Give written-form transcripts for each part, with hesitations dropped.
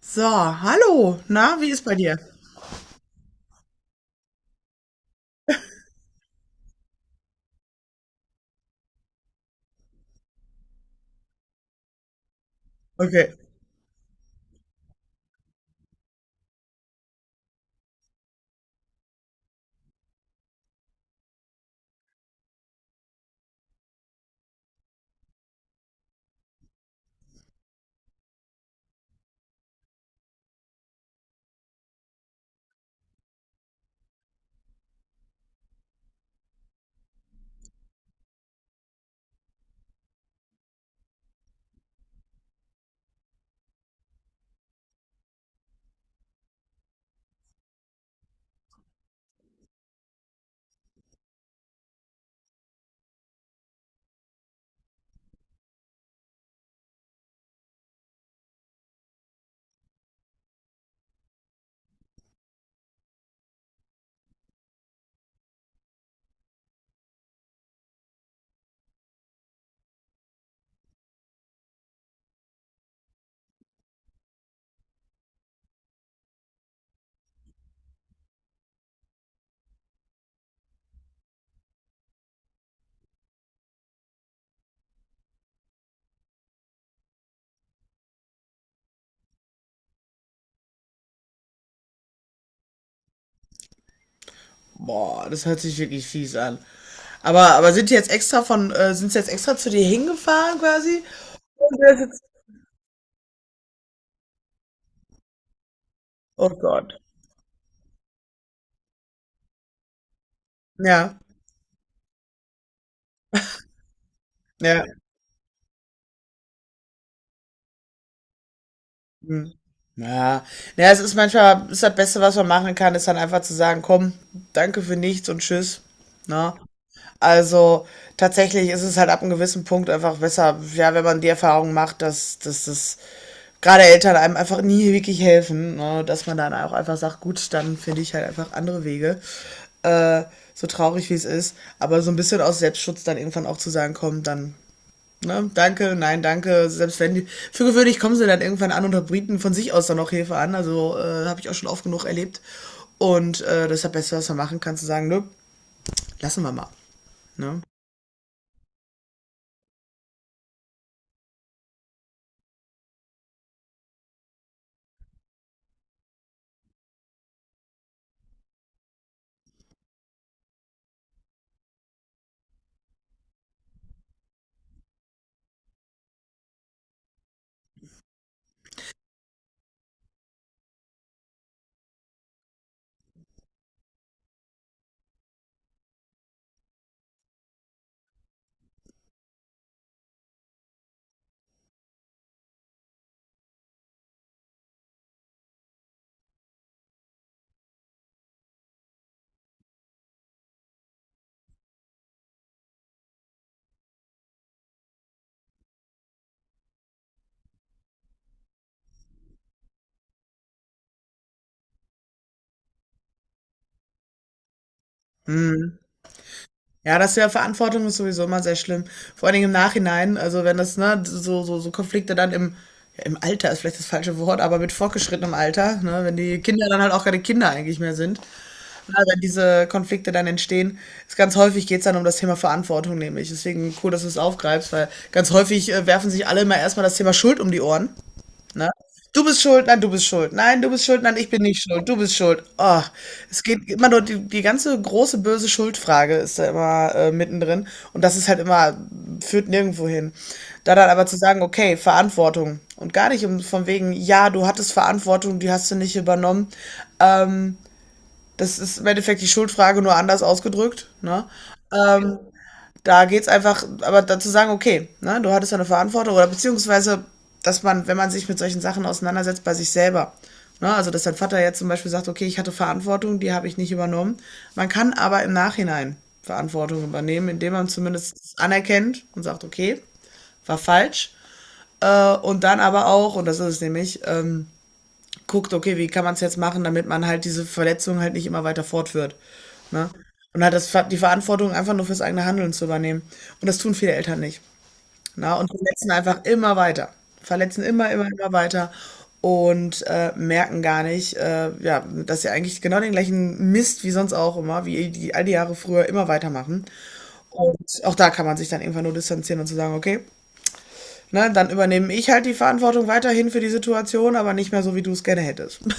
So, hallo. Na, wie ist bei dir? Okay. Boah, das hört sich wirklich fies an. Aber sind die jetzt extra von, sind sie jetzt extra zu dir hingefahren quasi? Und der sitzt. Oh Gott. Ja, ja. Hm. Ja. Ja, es ist manchmal, ist das Beste, was man machen kann, ist dann einfach zu sagen, komm, danke für nichts und tschüss. Na? Also tatsächlich ist es halt ab einem gewissen Punkt einfach besser, ja, wenn man die Erfahrung macht, dass, dass das gerade Eltern einem einfach nie wirklich helfen, ne? Dass man dann auch einfach sagt, gut, dann finde ich halt einfach andere Wege. Äh, so traurig wie es ist, aber so ein bisschen aus Selbstschutz dann irgendwann auch zu sagen, komm, dann, ne, danke, nein, danke, selbst wenn die, für gewöhnlich kommen sie dann irgendwann an und bieten von sich aus dann auch Hilfe an, also habe ich auch schon oft genug erlebt und das ist ja das Beste, was man machen kann, zu sagen, nö, lassen wir mal, ne. Hm. Ja, das ist ja, Verantwortung ist sowieso immer sehr schlimm. Vor allen Dingen im Nachhinein, also wenn das, ne, so, so, so Konflikte dann im, ja, im Alter ist vielleicht das falsche Wort, aber mit fortgeschrittenem Alter, ne, wenn die Kinder dann halt auch keine Kinder eigentlich mehr sind, ne, wenn diese Konflikte dann entstehen, ist ganz häufig, geht's dann um das Thema Verantwortung nämlich. Deswegen cool, dass du es aufgreifst, weil ganz häufig werfen sich alle immer erstmal das Thema Schuld um die Ohren. Ne? Du bist schuld, nein, du bist schuld, nein, du bist schuld, nein, ich bin nicht schuld, du bist schuld. Oh, es geht immer nur, die, die ganze große böse Schuldfrage ist da immer mittendrin und das ist halt immer, führt nirgendwo hin. Da dann aber zu sagen, okay, Verantwortung und gar nicht um, von wegen, ja, du hattest Verantwortung, die hast du nicht übernommen. Ähm, Das ist im Endeffekt die Schuldfrage nur anders ausgedrückt, ne? Ähm, Da geht's einfach, aber dazu sagen, okay, ne, du hattest ja eine Verantwortung oder beziehungsweise, dass man, wenn man sich mit solchen Sachen auseinandersetzt, bei sich selber. Ne, also, dass dein Vater jetzt zum Beispiel sagt, okay, ich hatte Verantwortung, die habe ich nicht übernommen. Man kann aber im Nachhinein Verantwortung übernehmen, indem man zumindest anerkennt und sagt, okay, war falsch. Und dann aber auch, und das ist es nämlich, guckt, okay, wie kann man es jetzt machen, damit man halt diese Verletzung halt nicht immer weiter fortführt. Ne? Und halt das, die Verantwortung einfach nur fürs eigene Handeln zu übernehmen. Und das tun viele Eltern nicht. Ne? Und verletzen einfach immer weiter. Verletzen immer, immer, immer weiter und merken gar nicht, ja, dass sie eigentlich genau den gleichen Mist wie sonst auch immer, wie die all die Jahre früher immer weitermachen. Und auch da kann man sich dann irgendwann nur distanzieren und zu sagen, okay, ne, dann übernehme ich halt die Verantwortung weiterhin für die Situation, aber nicht mehr so, wie du es gerne hättest.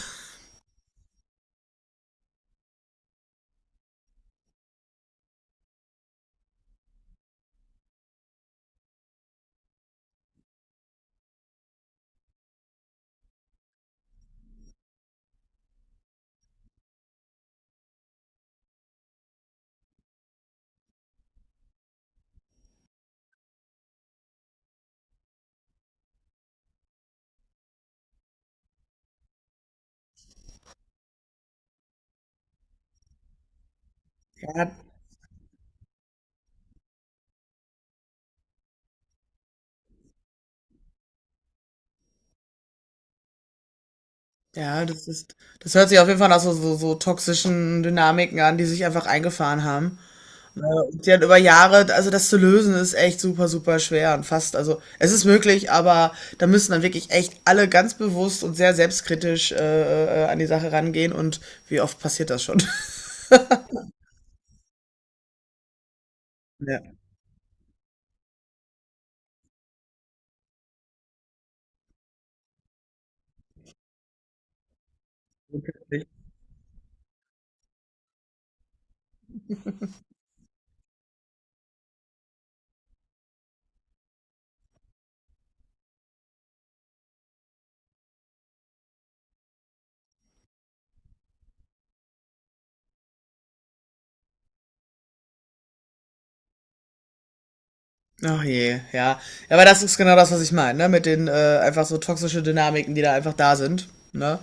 Ja, ja, das ist, das hört sich auf jeden Fall nach so, so, so toxischen Dynamiken an, die sich einfach eingefahren haben. Ne, und die dann über Jahre, also das zu lösen, ist echt super, super schwer und fast, also es ist möglich, aber da müssen dann wirklich echt alle ganz bewusst und sehr selbstkritisch an die Sache rangehen und wie oft passiert das schon? Ja. Ach je, ja. Ja, aber das ist genau das, was ich meine, ne? Mit den einfach so toxische Dynamiken, die da einfach da sind, ne?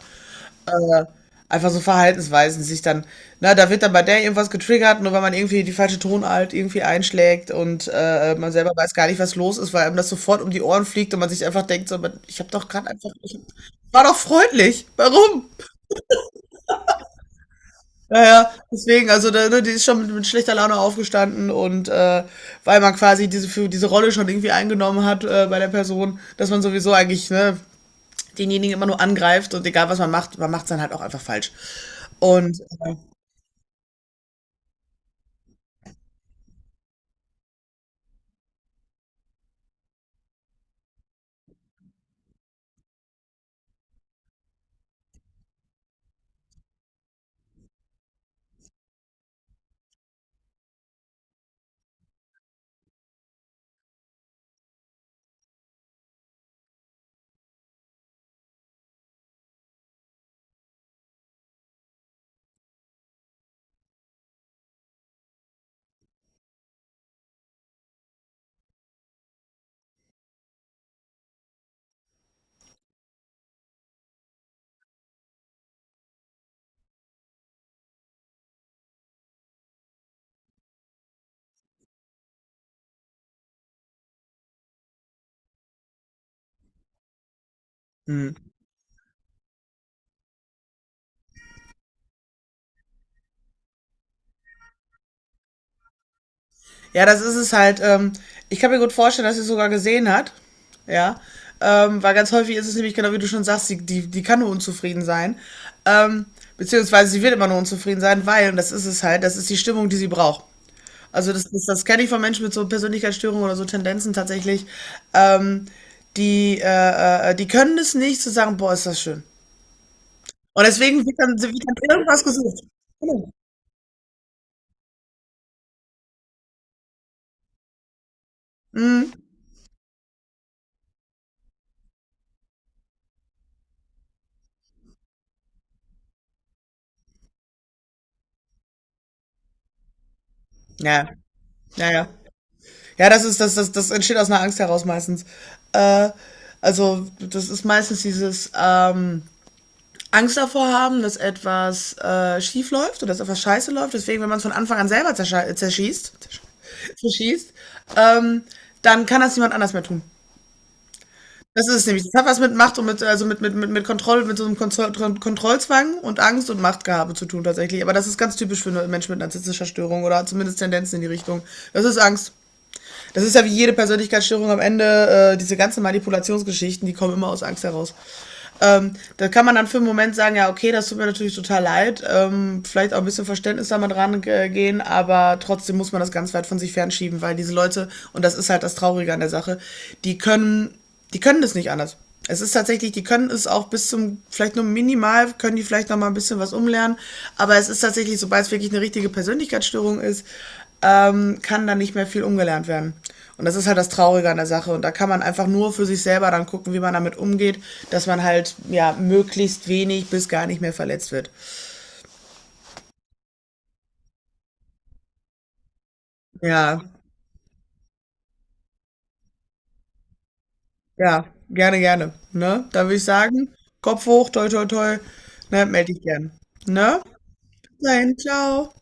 Äh, Einfach so Verhaltensweisen sich dann, na, da wird dann bei der irgendwas getriggert, nur weil man irgendwie die falsche Tonart irgendwie einschlägt und man selber weiß gar nicht, was los ist, weil einem das sofort um die Ohren fliegt und man sich einfach denkt, so, ich habe doch gerade einfach, ich war doch freundlich, warum? Naja, deswegen, also da, ne, die ist schon mit schlechter Laune aufgestanden und weil man quasi diese, für diese Rolle schon irgendwie eingenommen hat bei der Person, dass man sowieso eigentlich, ne, denjenigen immer nur angreift und egal was man macht es dann halt auch einfach falsch. Und hm. Ja, das ist es halt. Ich kann mir gut vorstellen, dass sie es sogar gesehen hat. Ja. Weil ganz häufig ist es nämlich genau wie du schon sagst, die, die, die kann nur unzufrieden sein. Ähm, Beziehungsweise sie wird immer nur unzufrieden sein, weil, und das ist es halt, das ist die Stimmung, die sie braucht. Also das, das, das kenne ich von Menschen mit so Persönlichkeitsstörungen oder so Tendenzen tatsächlich. Ähm, Die, die können es nicht zu sagen, boah, ist das schön. Und deswegen wird dann irgendwas gesucht. Genau. Ja, ja, ja. Ja, das ist, das, das, das entsteht aus einer Angst heraus meistens. Äh, also, das ist meistens dieses Angst davor haben, dass etwas schief läuft oder dass etwas scheiße läuft. Deswegen, wenn man es von Anfang an selber zerschießt, zerschießt, ähm, dann kann das niemand anders mehr tun. Das ist es nämlich. Das hat was mit Macht und mit, also mit, mit Kontrolle, mit so einem Kontrollzwang und Angst und Machtgehabe zu tun tatsächlich. Aber das ist ganz typisch für Menschen mit narzisstischer Störung oder zumindest Tendenzen in die Richtung. Das ist Angst. Das ist ja wie jede Persönlichkeitsstörung am Ende, diese ganzen Manipulationsgeschichten, die kommen immer aus Angst heraus. Da kann man dann für einen Moment sagen, ja, okay, das tut mir natürlich total leid, vielleicht auch ein bisschen Verständnis damit rangehen, aber trotzdem muss man das ganz weit von sich fernschieben, weil diese Leute, und das ist halt das Traurige an der Sache, die können, die können das nicht anders. Es ist tatsächlich, die können es auch bis zum, vielleicht nur minimal, können die vielleicht noch mal ein bisschen was umlernen, aber es ist tatsächlich, sobald es wirklich eine richtige Persönlichkeitsstörung ist, kann da nicht mehr viel umgelernt werden. Und das ist halt das Traurige an der Sache. Und da kann man einfach nur für sich selber dann gucken, wie man damit umgeht, dass man halt ja möglichst wenig bis gar nicht mehr verletzt wird. Ja, ja, gerne, gerne. Ne? Da würde ich sagen, Kopf hoch, toi, toi, toi. Ne, melde dich gern. Ne? Nein dahin, ciao.